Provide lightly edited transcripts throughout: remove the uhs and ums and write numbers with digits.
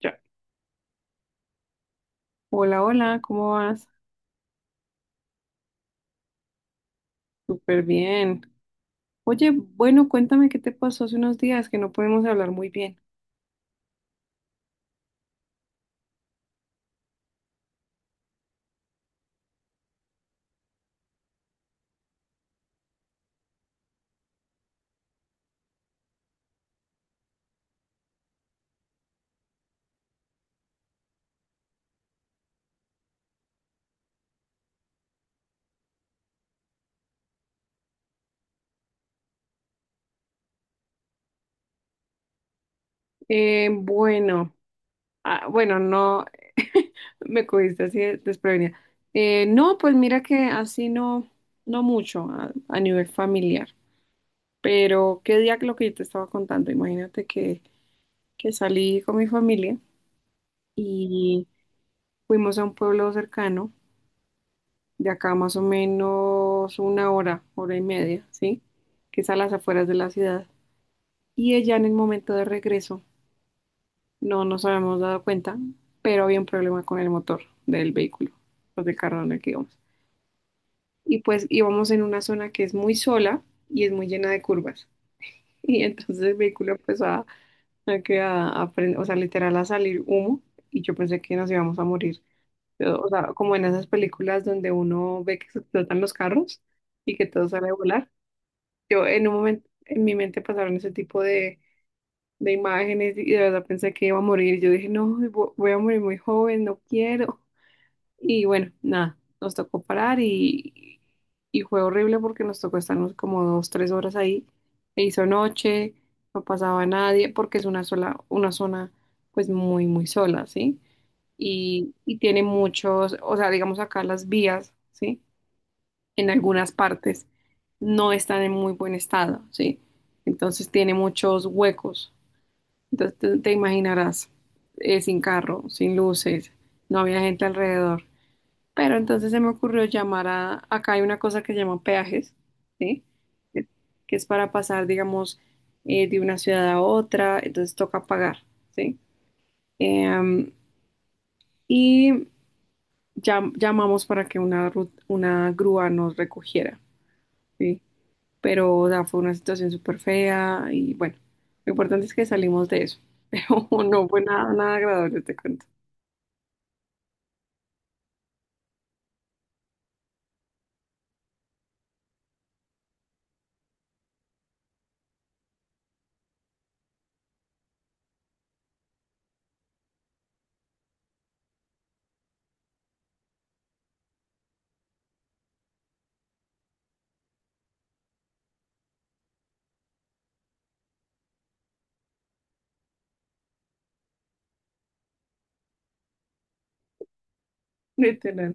Ya. Hola, hola, ¿cómo vas? Súper bien. Oye, bueno, cuéntame qué te pasó hace unos días que no podemos hablar muy bien. Bueno, bueno, no, me cogiste así desprevenida. No, pues mira que así no, no mucho a nivel familiar, pero qué día que lo que yo te estaba contando, imagínate que salí con mi familia y fuimos a un pueblo cercano de acá más o menos una hora, hora y media, ¿sí? Que es a las afueras de la ciudad. Y ella en el momento de regreso, no nos habíamos dado cuenta, pero había un problema con el motor del vehículo, pues del carro en el que íbamos. Y pues íbamos en una zona que es muy sola y es muy llena de curvas. Y entonces el vehículo empezó que a o sea, literal a salir humo y yo pensé que nos íbamos a morir. Pero, o sea, como en esas películas donde uno ve que se explotan los carros y que todo sale a volar. Yo en un momento, en mi mente pasaron ese tipo de imágenes y de verdad pensé que iba a morir. Yo dije, no, voy a morir muy joven, no quiero. Y bueno, nada, nos tocó parar y fue horrible porque nos tocó estarnos como dos, tres horas ahí. E hizo noche, no pasaba nadie porque es una sola, una zona pues muy, muy sola, ¿sí? Y tiene muchos, o sea, digamos acá las vías, ¿sí?, en algunas partes no están en muy buen estado, ¿sí? Entonces tiene muchos huecos. Entonces te imaginarás, sin carro, sin luces, no había gente alrededor. Pero entonces se me ocurrió llamar a, acá hay una cosa que se llama peajes, ¿sí? Que que es para pasar, digamos, de una ciudad a otra, entonces toca pagar, ¿sí? Em, y llamamos para que una, una grúa nos recogiera, ¿sí? Pero o sea, fue una situación súper fea y bueno, lo importante es que salimos de eso, pero no fue nada, nada agradable, te cuento, literal,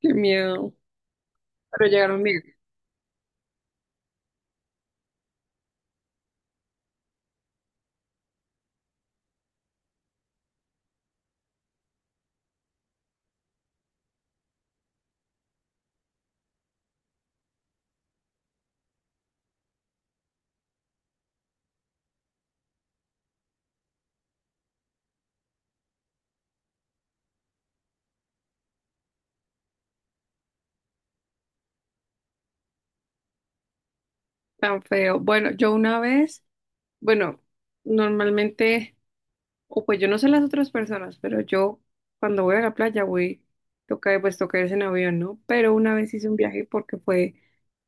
qué miedo, pero llegaron bien, tan feo. Bueno, yo una vez, bueno, normalmente, o pues yo no sé las otras personas, pero yo cuando voy a la playa voy, toca, pues toca irse en avión, ¿no? Pero una vez hice un viaje porque fue.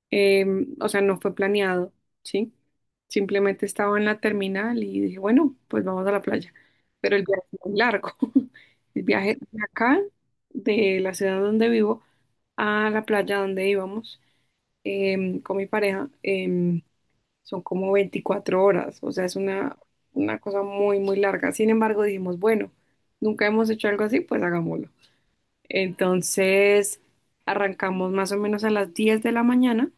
Eh, o sea, no fue planeado, ¿sí? Simplemente estaba en la terminal y dije, bueno, pues vamos a la playa. Pero el viaje es muy largo. El viaje de acá, de la ciudad donde vivo, a la playa donde íbamos con mi pareja, son como 24 horas. O sea, es una cosa muy, muy larga. Sin embargo, dijimos, bueno, nunca hemos hecho algo así, pues hagámoslo. Entonces, arrancamos más o menos a las 10 de la mañana,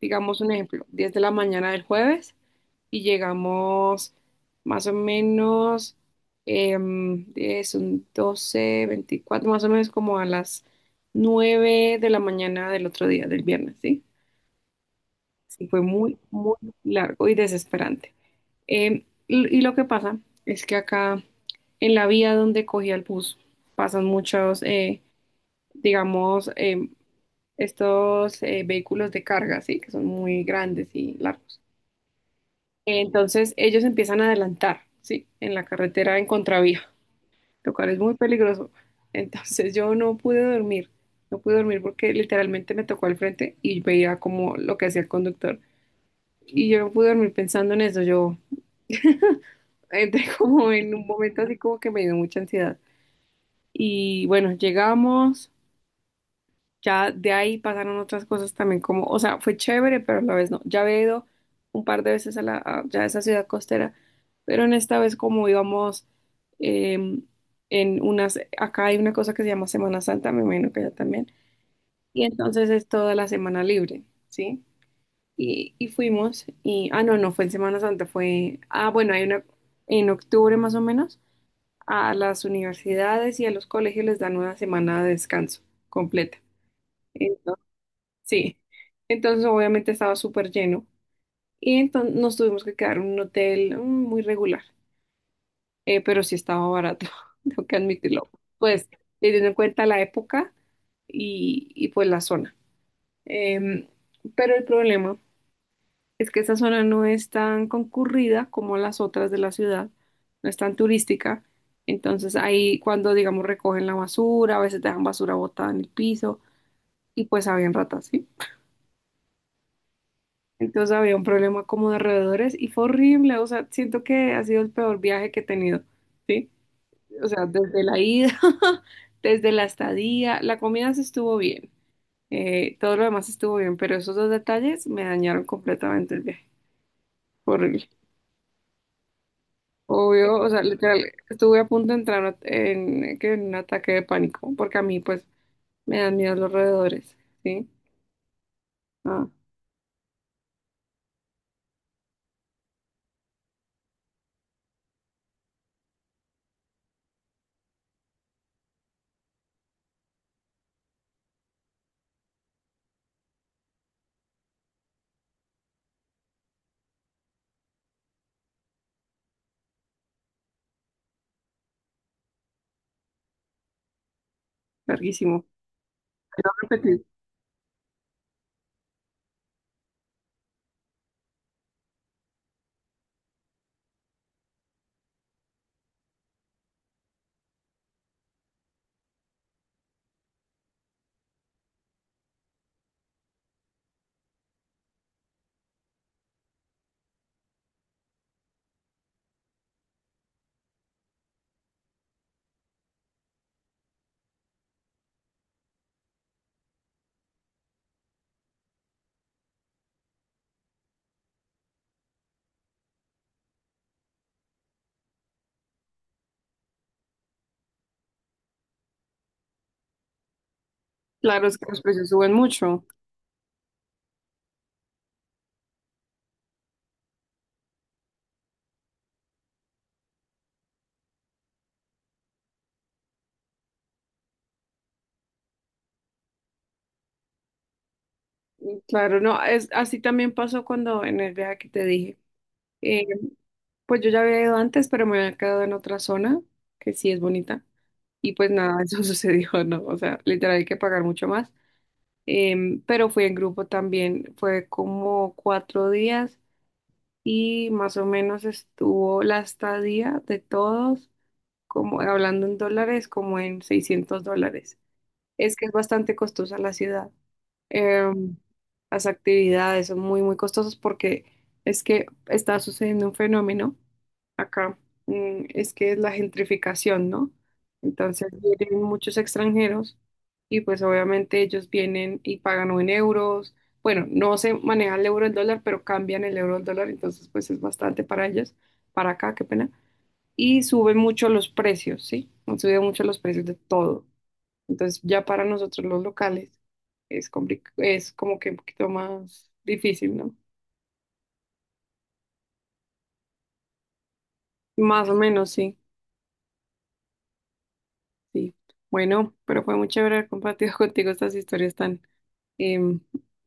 digamos un ejemplo, 10 de la mañana del jueves, y llegamos más o menos 10, un 12 24 más o menos como a las 9 de la mañana del otro día, del viernes, ¿sí? Sí, fue muy, muy largo y desesperante. Y, y lo que pasa es que acá en la vía donde cogía el bus pasan muchos, digamos, estos vehículos de carga, ¿sí? Que son muy grandes y largos. Entonces ellos empiezan a adelantar, ¿sí? En la carretera en contravía, lo cual es muy peligroso. Entonces yo no pude dormir, no pude dormir porque literalmente me tocó al frente y veía como lo que hacía el conductor. Y yo no pude dormir pensando en eso, yo entré como en un momento así como que me dio mucha ansiedad. Y bueno, llegamos. Ya de ahí pasaron otras cosas también como, o sea, fue chévere, pero a la vez no. Ya había ido un par de veces a la, ya a esa ciudad costera, pero en esta vez como íbamos em, en unas, acá hay una cosa que se llama Semana Santa, me imagino que allá también, y entonces es toda la semana libre, ¿sí? Y fuimos, y, ah, no, no fue en Semana Santa, fue, ah, bueno, hay una, en octubre más o menos, a las universidades y a los colegios les dan una semana de descanso completa. Entonces, sí, entonces obviamente estaba súper lleno y entonces nos tuvimos que quedar en un hotel, mm, muy regular, pero sí estaba barato, tengo que admitirlo, pues teniendo en cuenta la época y, pues la zona. Em, pero el problema es que esa zona no es tan concurrida como las otras de la ciudad, no es tan turística, entonces ahí cuando digamos recogen la basura, a veces dejan basura botada en el piso y pues habían ratas, ¿sí? Entonces había un problema como de roedores y fue horrible, o sea, siento que ha sido el peor viaje que he tenido, ¿sí? O sea, desde la ida, desde la estadía, la comida se estuvo bien, todo lo demás estuvo bien, pero esos dos detalles me dañaron completamente el viaje. Fue horrible. Obvio, o sea, literal, estuve a punto de entrar en, que en un ataque de pánico, porque a mí pues me dan miedo los roedores, ¿sí? Ah, larguísimo. Quiero repetir, claro, es que los precios suben mucho. Claro, no, es, así también pasó cuando en el viaje que te dije. Eh, pues yo ya había ido antes, pero me había quedado en otra zona, que sí es bonita, y pues nada, eso sucedió, ¿no? O sea, literal hay que pagar mucho más. Pero fui en grupo también, fue como 4 días y más o menos estuvo la estadía de todos, como hablando en dólares, como en $600, es que es bastante costosa la ciudad. Em, las actividades son muy, muy costosas porque es que está sucediendo un fenómeno acá, mm, es que es la gentrificación, ¿no? Entonces vienen muchos extranjeros y pues obviamente ellos vienen y pagan o en euros. Bueno, no se maneja el euro al dólar, pero cambian el euro al dólar, entonces pues es bastante para ellos, para acá, qué pena. Y suben mucho los precios, ¿sí? Han subido mucho los precios de todo. Entonces ya para nosotros los locales es es como que un poquito más difícil, ¿no? Más o menos, sí, sí. Bueno, pero fue muy chévere haber compartido contigo estas historias tan em,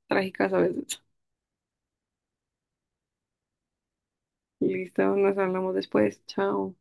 trágicas a veces. Listo, nos hablamos después. Chao.